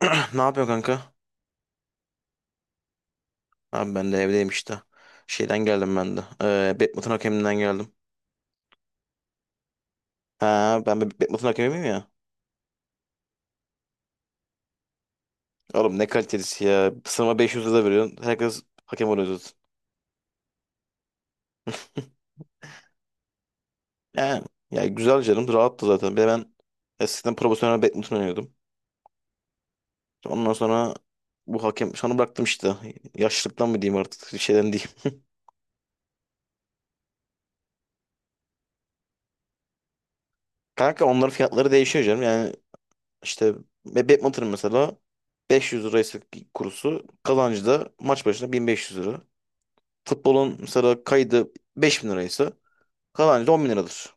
Ne yapıyor kanka? Abi ben de evdeyim işte. Şeyden geldim ben de. Badminton hakeminden geldim. Ha, ben bir Badminton hakemi miyim ya? Oğlum ne kalitelisi ya. Sınıfa 500 lira veriyorsun. Herkes hakem oluyor zaten. Yani, ya güzel canım. Rahattı zaten. Bir de ben eskiden profesyonel badminton oynuyordum. Ondan sonra bu hakem sonra bıraktım işte. Yaşlılıktan mı diyeyim artık şeyden diyeyim. Kanka onların fiyatları değişiyor canım. Yani işte ve badminton mesela 500 liraysa kurusu kazancı da maç başına 1500 lira. Futbolun mesela kaydı 5 bin liraysa kazancı 10 bin liradır.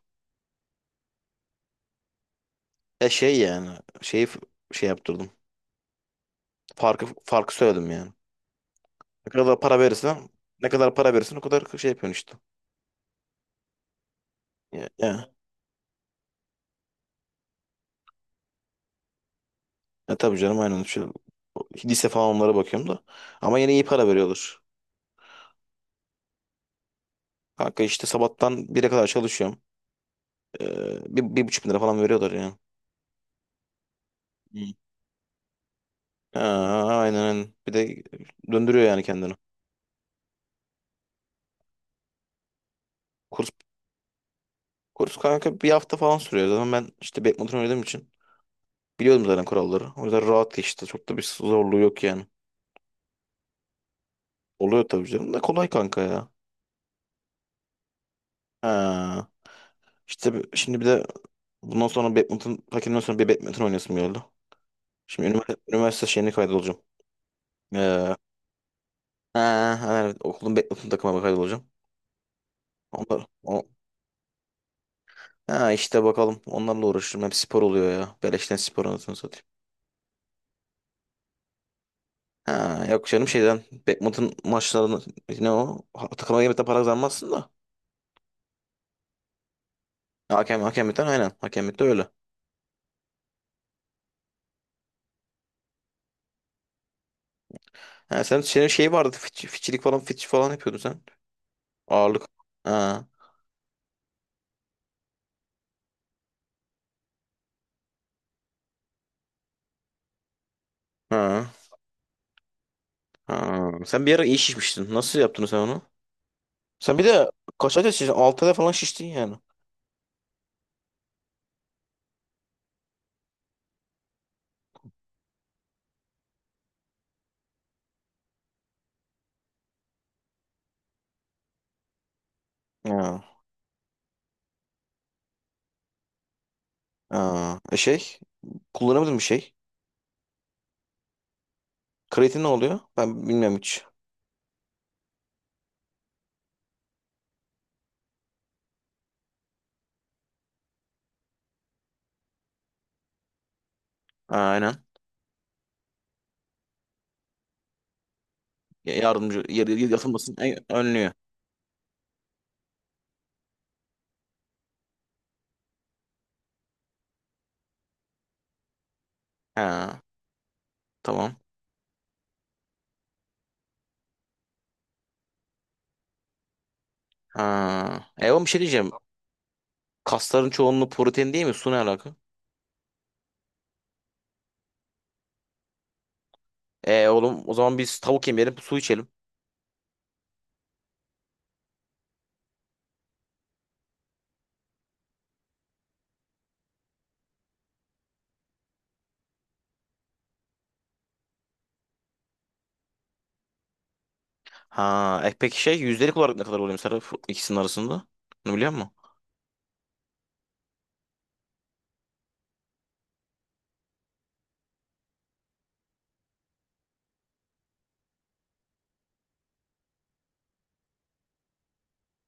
E şey yani şeyi f- şey yaptırdım. Farkı farkı söyledim yani. Ne kadar para verirsen Ne kadar para verirsen o kadar şey yapıyorsun işte. Ya, ya, ya tabii canım aynen. Şu, lise falan onlara bakıyorum da. Ama yine iyi para veriyorlar. Kanka işte sabahtan bire kadar çalışıyorum. Bir, 1.500 lira falan veriyorlar yani. Hı. Ha, aynen aynen. Bir de döndürüyor yani kendini. Kurs, kurs kanka bir hafta falan sürüyor. Zaten ben işte badminton oynadığım için. Biliyordum zaten kuralları. O yüzden rahat geçti. Çok da bir zorluğu yok yani. Oluyor tabii canım da kolay kanka ya. Ha. İşte şimdi bir de bundan sonra badminton, takimden sonra bir badminton oynayasım geldi. Şimdi üniversite, üniversite şeyine kaydolacağım. Ee, ha, evet, okulun badminton takımına kaydolacağım. Onlar, o, ha işte bakalım. Onlarla uğraşırım. Hep spor oluyor ya. Beleşten spor anasını satayım. Ha, yok canım şeyden badminton maçlarını ne o? Ha, takıma girmekten para kazanmazsın da. Ha, hakem, hakemlikten aynen. Hakemlikte öyle. Ha, senin şey vardı fiçilik falan fiç falan yapıyordun sen. Ağırlık. Ha, ha, ha. Sen bir ara iyi şişmiştin. Nasıl yaptın sen onu? Sen bir de kaç ayda şiştin? 6 ayda falan şiştin yani. Ha, ha. E şey kullanamadın bir şey. Kreatin ne oluyor? Ben bilmiyorum hiç. Ha, aynen. Yardımcı yatılmasın önlüyor. Ha, tamam. Ha. E oğlum bir şey diyeceğim. Kasların çoğunluğu protein değil mi? Su ne alaka? E oğlum o zaman biz tavuk yemeyelim su içelim. Ha, peki şey yüzdelik olarak ne kadar oluyor mesela ikisinin arasında? Bunu biliyor musun?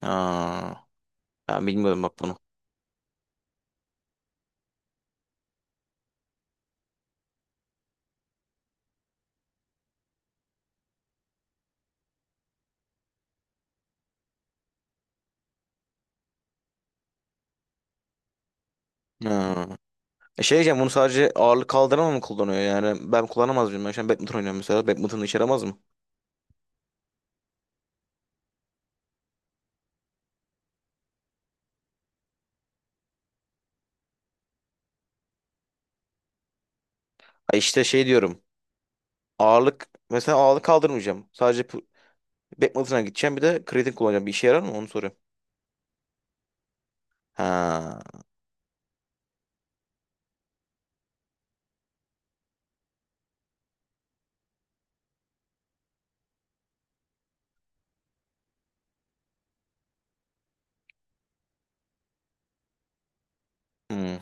Ha, ben bilmiyorum bak bunu. Ha. E şey diyeceğim bunu sadece ağırlık kaldırma mı kullanıyor yani ben kullanamaz mıyım? Ben şu an badminton oynuyorum mesela badminton'u içeri alamaz mı? Ha işte şey diyorum ağırlık mesela ağırlık kaldırmayacağım sadece badminton'a gideceğim bir de kreatin kullanacağım bir işe yarar mı onu soruyorum. Ha. Hmm.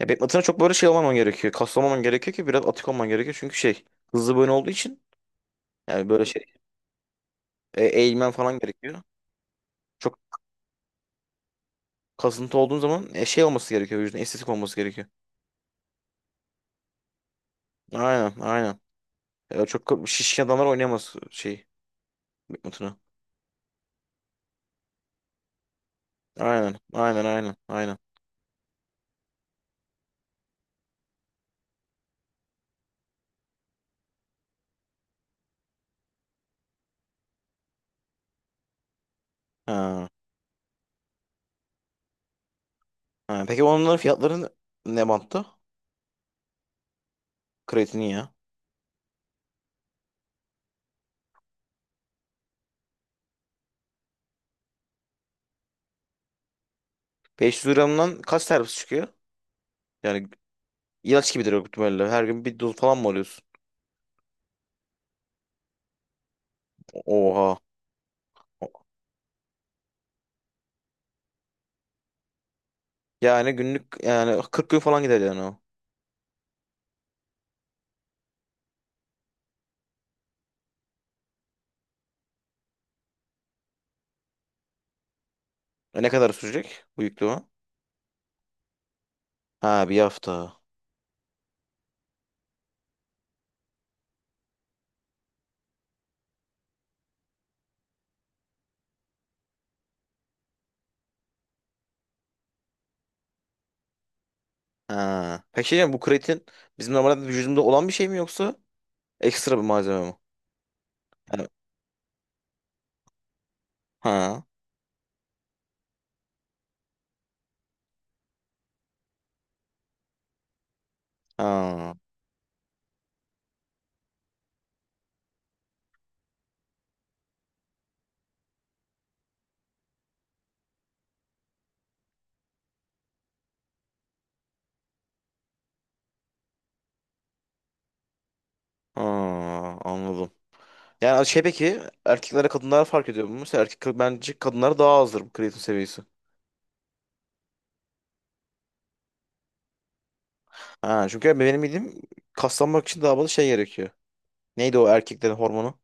Ya badminton'a çok böyle şey olmaman gerekiyor kaslamaman gerekiyor ki biraz atık olman gerekiyor çünkü şey hızlı bir oyun olduğu için yani böyle şey eğilmen falan gerekiyor. Çok kasıntı olduğun zaman şey olması gerekiyor vücudun estetik olması gerekiyor. Aynen aynen. Çok şişkin adamlar oynayamaz şey mutunu. Aynen aynen aynen aynen. Ha. Ha. Peki onların fiyatları ne bantta? Kreatinin ya. 500 gramdan kaç terapisi çıkıyor? Yani ilaç gibidir o ihtimalle. Her gün bir doz falan mı alıyorsun? Oha. Yani günlük yani 40 gün falan gider yani o. Ne kadar sürecek bu yükleme? Ha, bir hafta. Ha. Peki şey diyeceğim, bu kreatin bizim normalde vücudumuzda olan bir şey mi yoksa ekstra bir malzeme mi? Yani- Ha. Ha. Ha. Anladım. Yani şey peki erkeklere kadınlara fark ediyor mu? Mesela erkek bence kadınlara daha azdır bu kreatin seviyesi. Ha, çünkü benim bildiğim kaslanmak için daha fazla şey gerekiyor. Neydi o erkeklerin hormonu?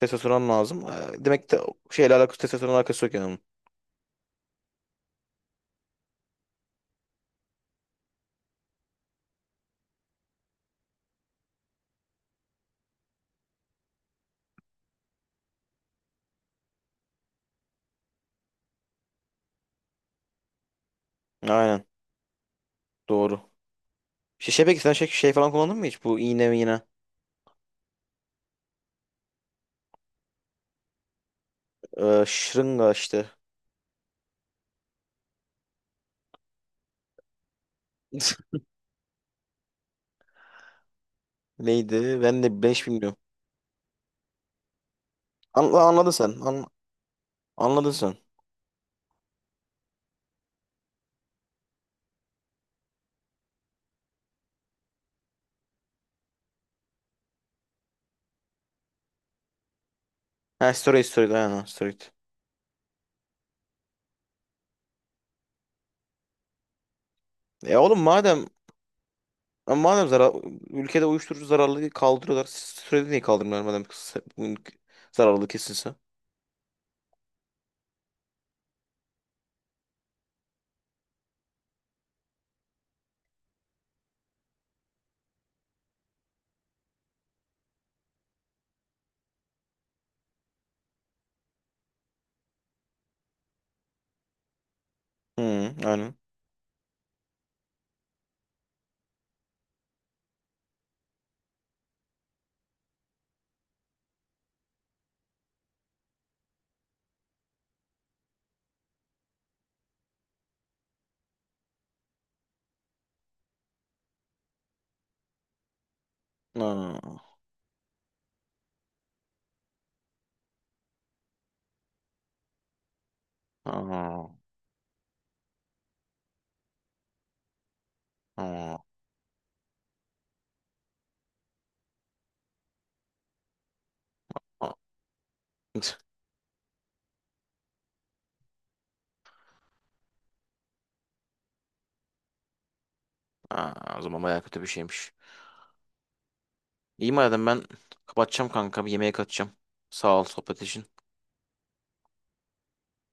Testosteron lazım. Demek ki de şeyle alakası testosteron alakası yok yani. Bunun. Aynen. Doğru. Şey, şey peki sen şey, şey falan kullandın mı hiç? Bu iğne mi yine? Şırınga işte. Neydi? Ben de ben hiç bilmiyorum. Anladın sen. Anladın sen. Ha, steroid steroid aynen ha, steroid. E oğlum madem zarar, ülkede uyuşturucu zararlılığı kaldırıyorlar. Steroidi niye kaldırmıyorlar madem bunun zararlılığı kesinse? Hı, aynen. Aa, aa, aa, aa. Aa, o zaman bayağı kötü bir şeymiş. İyi madem ben kapatacağım kanka bir yemeğe kaçacağım. Sağ ol sohbet için.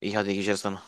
İyi, hadi, iyi geceler sana.